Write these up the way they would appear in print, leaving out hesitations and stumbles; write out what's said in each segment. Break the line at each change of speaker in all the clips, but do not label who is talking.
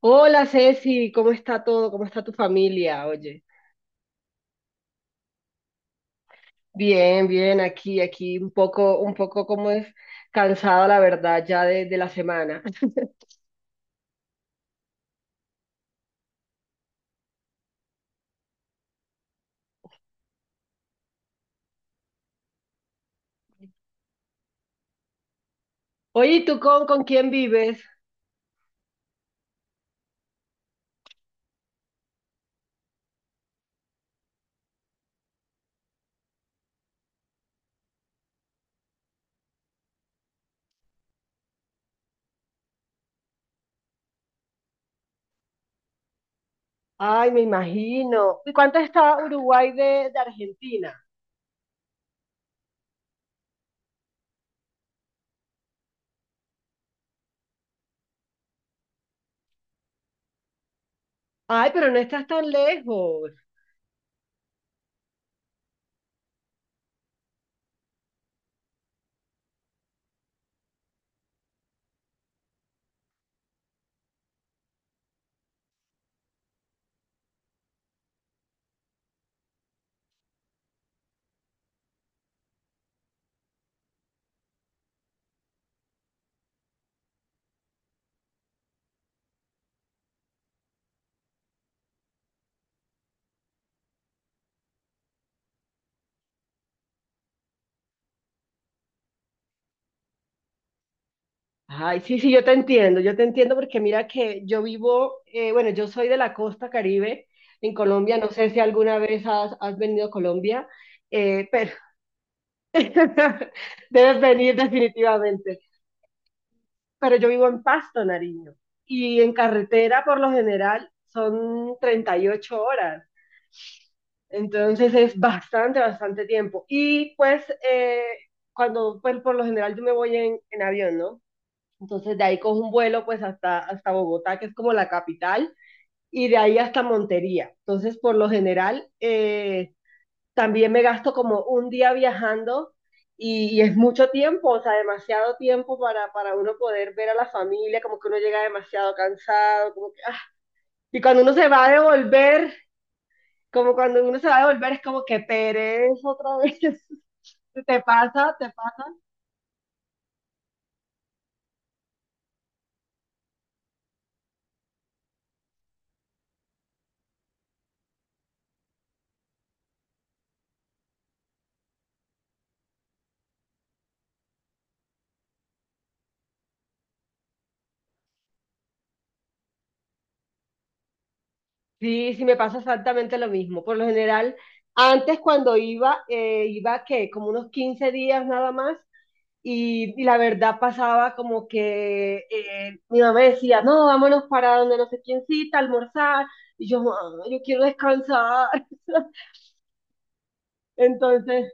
Hola Ceci, ¿cómo está todo? ¿Cómo está tu familia? Oye, bien, bien, aquí, un poco como es cansada la verdad ya de la semana. Oye, ¿y tú con quién vives? Ay, me imagino. ¿Y cuánto está Uruguay de Argentina? Ay, pero no estás tan lejos. Ay, sí, sí, yo te entiendo porque mira que yo vivo, bueno, yo soy de la costa Caribe en Colombia, no sé si alguna vez has venido a Colombia, pero Debes venir definitivamente. Pero yo vivo en Pasto, Nariño. Y en carretera, por lo general, son 38 horas. Entonces es bastante, bastante tiempo. Y pues, eh, cuando, pues, por lo general yo me voy en avión, ¿no? Entonces de ahí cojo un vuelo pues hasta Bogotá, que es como la capital, y de ahí hasta Montería. Entonces, por lo general, también me gasto como un día viajando y es mucho tiempo, o sea, demasiado tiempo para uno poder ver a la familia, como que uno llega demasiado cansado, como que, ah. Y cuando uno se va a devolver, como cuando uno se va a devolver es como que pereza otra vez. ¿Te pasa? ¿Te pasa? Sí, sí, me pasa exactamente lo mismo. Por lo general, antes cuando iba, iba que como unos 15 días nada más. Y la verdad pasaba como que mi mamá me decía, no, vámonos para donde no sé quién cita, a almorzar. Y yo, "Mamá, yo quiero descansar". Entonces,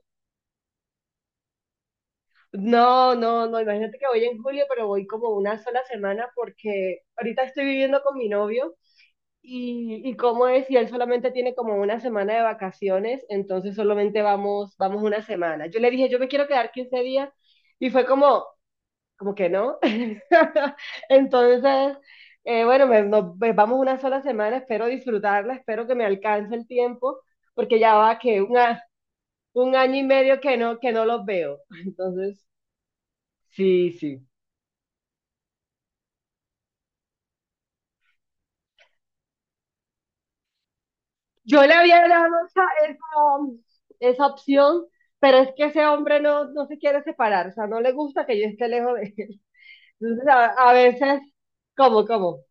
no, no, no, imagínate que voy en julio, pero voy como una sola semana porque ahorita estoy viviendo con mi novio y cómo es, y él solamente tiene como una semana de vacaciones, entonces solamente vamos una semana. Yo le dije, yo me quiero quedar 15 días y fue como, como que no. Entonces, bueno, nos pues, vamos una sola semana, espero disfrutarla, espero que me alcance el tiempo, porque ya va que un año y medio que no los veo. Entonces, sí, sí. Yo le había dado esa, esa opción, pero es que ese hombre no, no se quiere separar, o sea, no le gusta que yo esté lejos de él. Entonces, a veces, cómo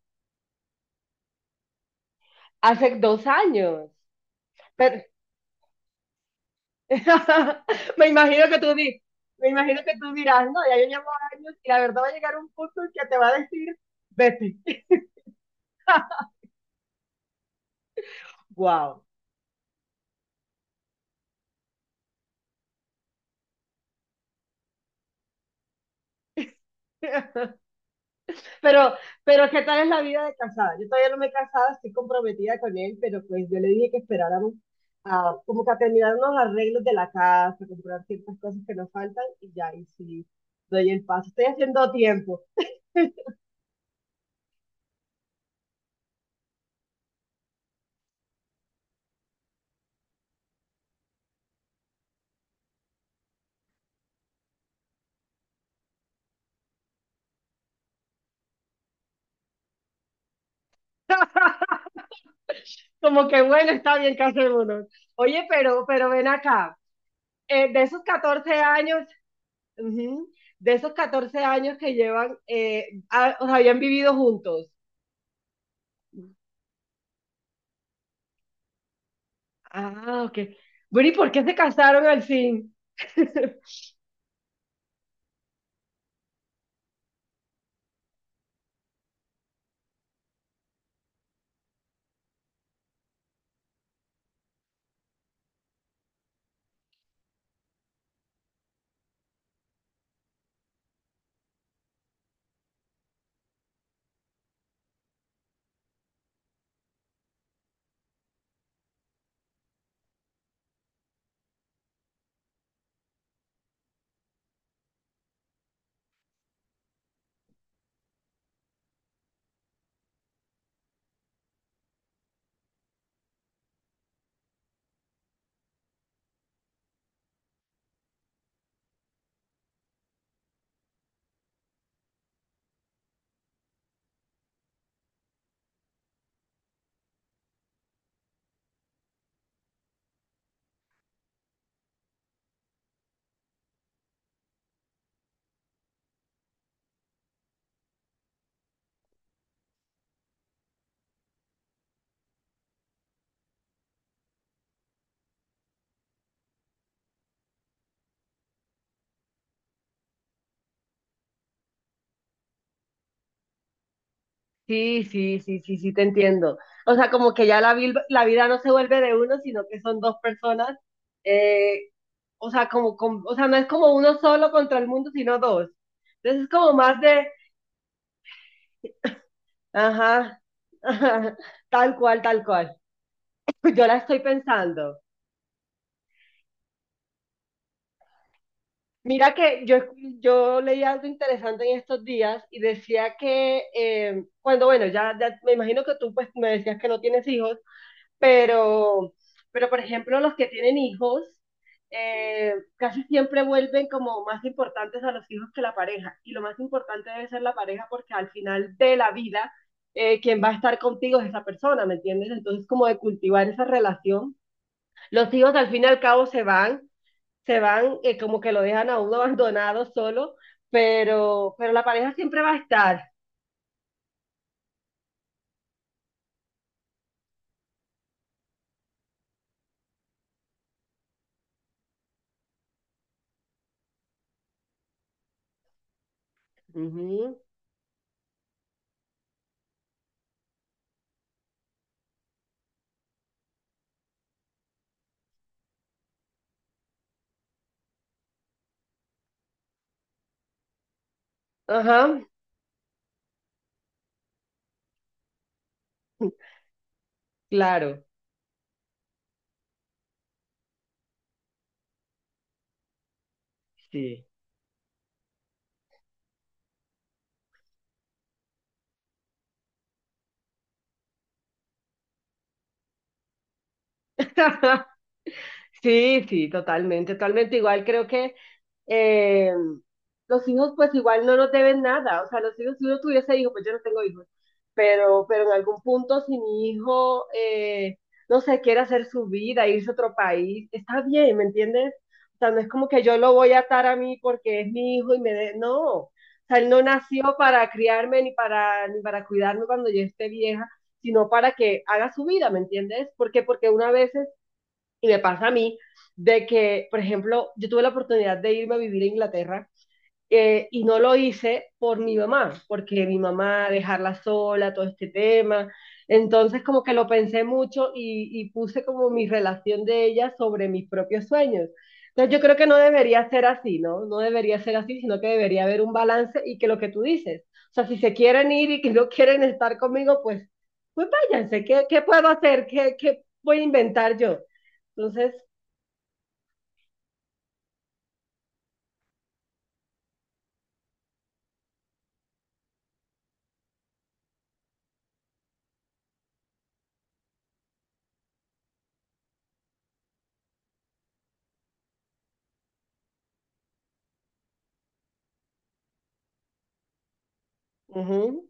hace 2 años. Pero, Me imagino que tú di- me imagino que tú dirás, no, ya yo llevo años y la verdad va a llegar un punto en que te va a decir, vete. Wow. Pero, pero ¿qué tal es la vida de casada? Yo todavía no me he casado, estoy comprometida con él, pero pues yo le dije que esperáramos como que a terminar unos arreglos de la casa, comprar ciertas cosas que nos faltan y ya, y sí, doy el paso. Estoy haciendo tiempo. Como que bueno, está bien que hace uno. Oye, pero ven acá. Eh, de esos 14 años, uh -huh, de esos 14 años que llevan, o sea, habían vivido juntos. Ah, ok. Bueno, ¿y por qué se casaron al fin? Sí, sí, sí, sí, sí, te entiendo. O sea, como que ya la vida no se vuelve de uno, sino que son 2 personas. Eh, o sea, o sea, no es como uno solo contra el mundo, sino dos. Entonces es como más de, ajá, ajá, tal cual, tal cual. Yo la estoy pensando. Mira que yo leí algo interesante en estos días y decía que cuando, bueno, ya me imagino que tú pues me decías que no tienes hijos, pero, pero, por ejemplo los que tienen hijos casi siempre vuelven como más importantes a los hijos que la pareja y lo más importante debe ser la pareja porque al final de la vida quien va a estar contigo es esa persona, ¿me entiendes? Entonces como de cultivar esa relación. Los hijos al fin y al cabo se van, como que lo dejan a uno abandonado solo, pero la pareja siempre va a estar. Ujú. Ajá, claro, sí. Sí, sí, totalmente, totalmente. Igual creo que eh, los hijos pues igual no nos deben nada. O sea, los hijos, si uno tuviese hijos, pues yo no tengo hijos, pero en algún punto si mi hijo, no sé, quiere hacer su vida, irse a otro país, está bien, ¿me entiendes? O sea, no es como que yo lo voy a atar a mí porque es mi hijo y me de... No, o sea, él no nació para criarme ni para cuidarme cuando yo esté vieja, sino para que haga su vida, ¿me entiendes? porque, una vez y me pasa a mí de que, por ejemplo, yo tuve la oportunidad de irme a vivir a Inglaterra y no lo hice por mi mamá, porque mi mamá dejarla sola, todo este tema. Entonces como que lo pensé mucho y puse como mi relación de ella sobre mis propios sueños. Entonces yo creo que no debería ser así, ¿no? No debería ser así, sino que debería haber un balance y que lo que tú dices, o sea, si se quieren ir y que no quieren estar conmigo, pues, váyanse, ¿qué, qué puedo hacer? ¿Qué voy a inventar yo? Entonces, uh -huh.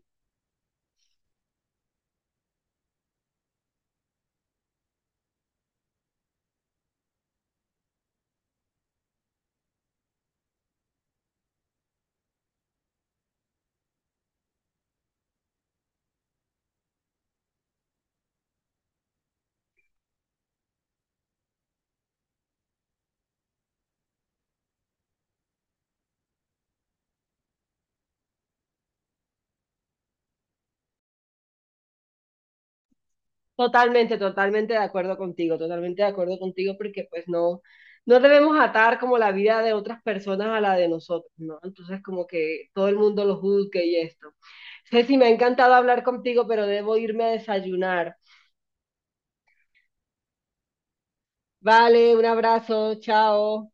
Totalmente, totalmente de acuerdo contigo, totalmente de acuerdo contigo, porque pues no, no debemos atar como la vida de otras personas a la de nosotros, ¿no? Entonces como que todo el mundo lo juzgue y esto. Ceci, me ha encantado hablar contigo, pero debo irme a desayunar. Vale, un abrazo, chao.